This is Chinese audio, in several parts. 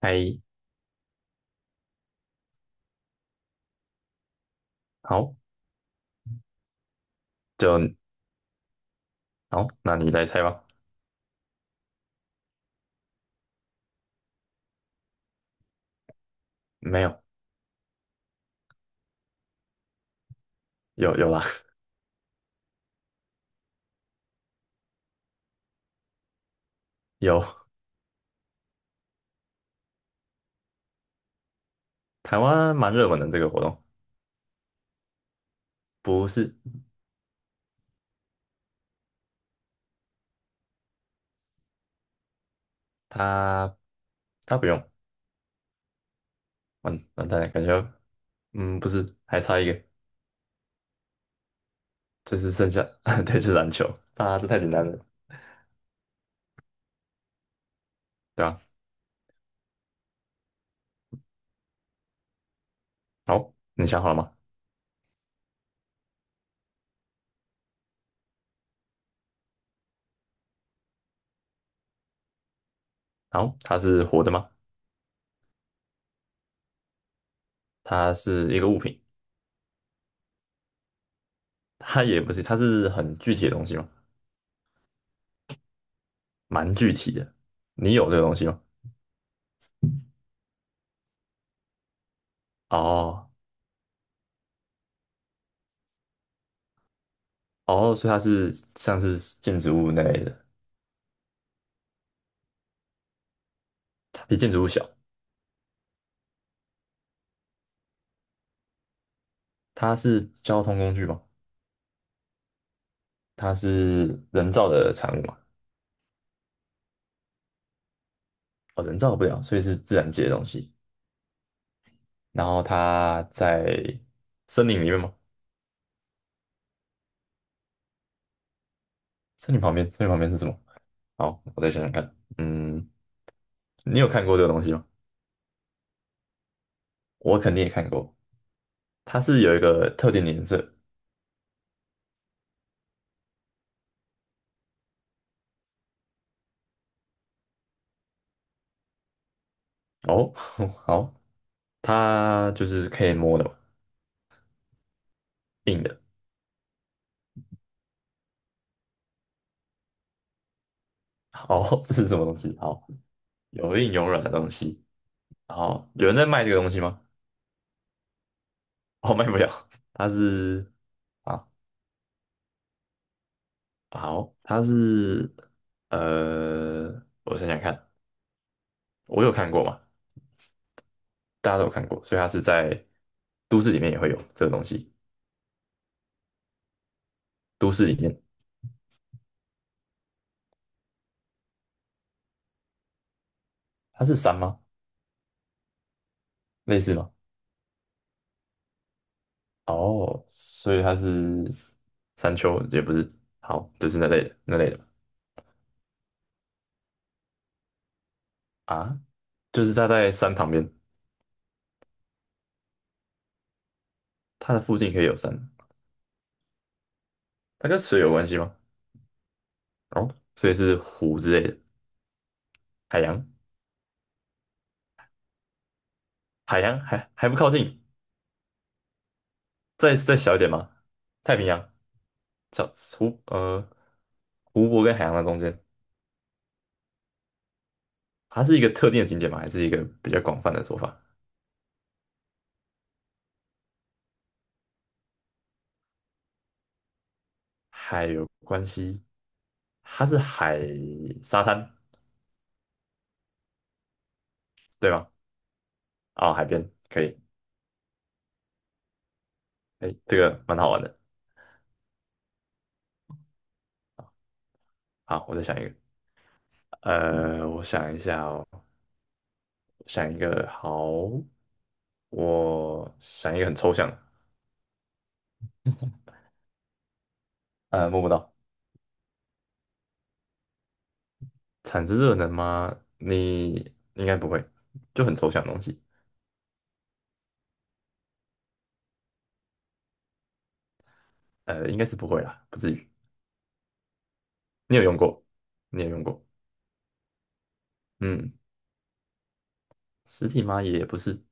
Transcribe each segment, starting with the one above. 猜，好，就好，那你来猜吧。没有，有啦，有。台湾蛮热门的这个活动，不是他他不用，完蛋了，感觉，嗯，不是，还差一个，就是剩下，对，就是篮球，啊，这太简单了，对吧？好，你想好了吗？好，它是活的吗？它是一个物品，它也不是，它是很具体的东西吗？蛮具体的，你有这个东西吗？哦哦，所以它是像是建筑物那类的，它比建筑物小。它是交通工具嘛，它是人造的产物嘛，哦，人造不了，所以是自然界的东西。然后它在森林里面吗？森林旁边，森林旁边是什么？好，我再想想看。嗯，你有看过这个东西吗？我肯定也看过，它是有一个特定的颜色。哦，好，它就是可以摸的嘛，硬的。哦，这是什么东西？好，有硬有软的东西。好，有人在卖这个东西吗？哦，卖不了，它是。啊。好，它是呃，我想想看，我有看过嘛，大家都有看过，所以它是在都市里面也会有这个东西。都市里面，它是山吗？类似吗？哦，所以它是山丘，也不是，好，就是那类的吧，啊，就是它在山旁边，它的附近可以有山，它跟水有关系吗？哦，所以是湖之类的，海洋，海洋还不靠近，再小一点吗？太平洋，小湖呃湖泊跟海洋的中间，它是一个特定的景点吗？还是一个比较广泛的说法？海有关系，它是沙滩对吗？啊，海边可以，哎，这个蛮好玩的。好，我再想一个，我想一下哦，想一个好，我想一个很抽象的，摸不到，产生热能吗？你应该不会，就很抽象的东西。应该是不会啦，不至于。你有用过？你有用过？嗯，实体吗？也不是，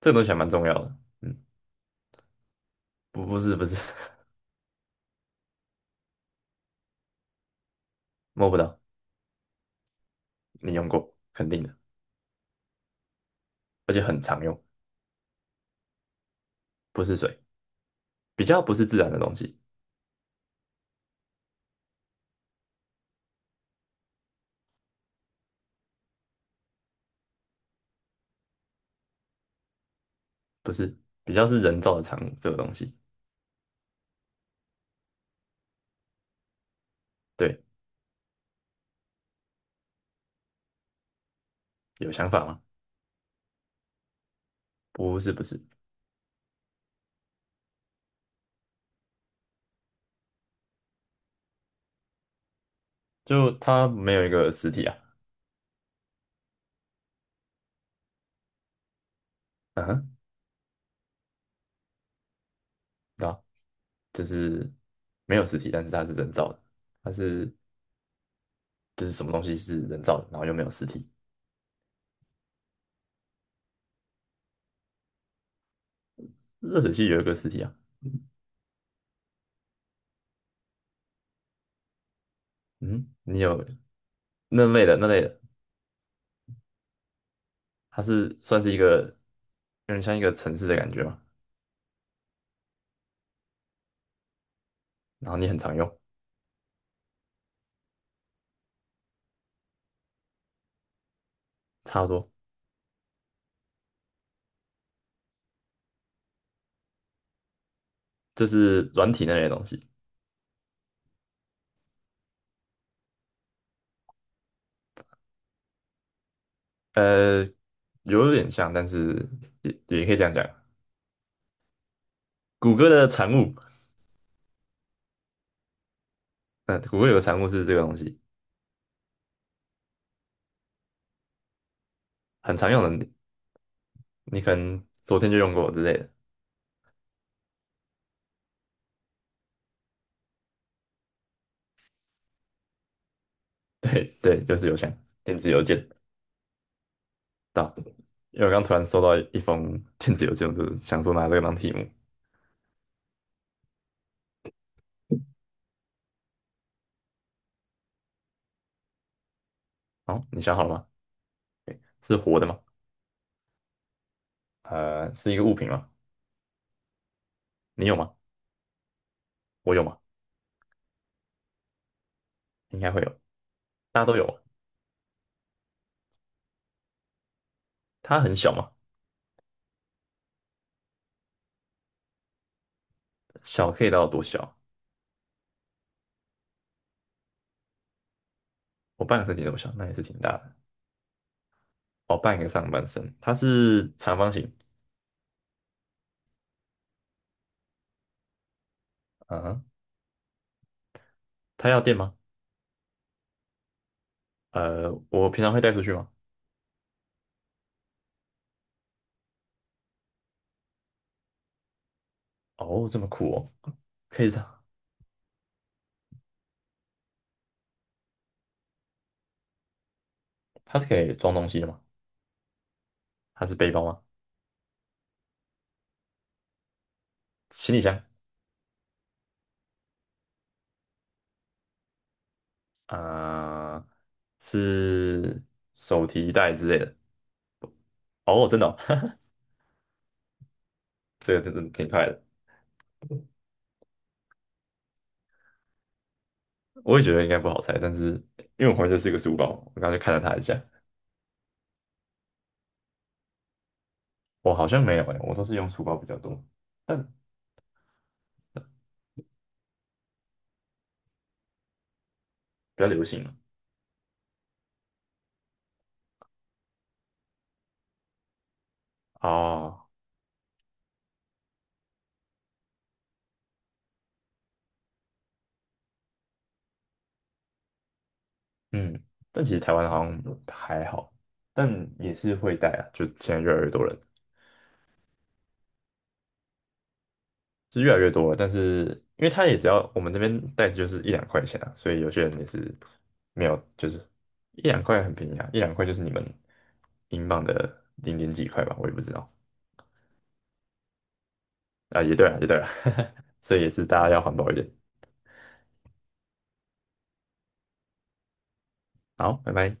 这个东西还蛮重要的。嗯，不，不是，不是，摸不到。你用过，肯定的，而且很常用，不是水，比较不是自然的东西，不是，比较是人造的产物。这个东西，对，有想法吗？不是，不是，就它没有一个实体啊。嗯哼，对啊，就是没有实体，但是它是人造的，它是就是什么东西是人造的，然后又没有实体。热水器有一个实体啊。嗯，你有那类的，它是算是一个有点像一个城市的感觉嘛，然后你很常用，差不多就是软体那类的东西，呃，有点像，但是也也可以这样讲，谷歌的产物，嗯，谷歌有个产物是这个东西，很常用的，你可能昨天就用过之类的，对对，就是邮箱，电子邮件，到，因为我刚突然收到一封电子邮件，我就是想说拿这个当题目，好，你想好了吗？是活的吗？是一个物品吗？你有吗？我有吗？应该会有，大家都有吗。它很小嘛，小可以到多小？我半个身体这么小，那也是挺大的。哦，半个上半身，它是长方形。啊，它要电吗？我平常会带出去吗？哦，这么酷哦，可以这样，它是可以装东西的吗？它是背包吗？行李箱啊，呃是手提袋之类的。哦，真的哦， 这个真的挺快的。我也觉得应该不好猜，但是因为我怀这是一个书包，我刚才就看了它一下。我好像没有诶，我都是用书包比较多，但比较流行嘛。啊，嗯，但其实台湾好像还好，但也是会带啊，就现在越来越多人，是越来越多了。但是因为他也只要我们那边袋子就是一两块钱啊，所以有些人也是没有，就是一两块很便宜啊，一两块就是你们英镑的零点几块吧，我也不知道啊，也对啊，也对啊，所以也是大家要环保一点。好，拜拜。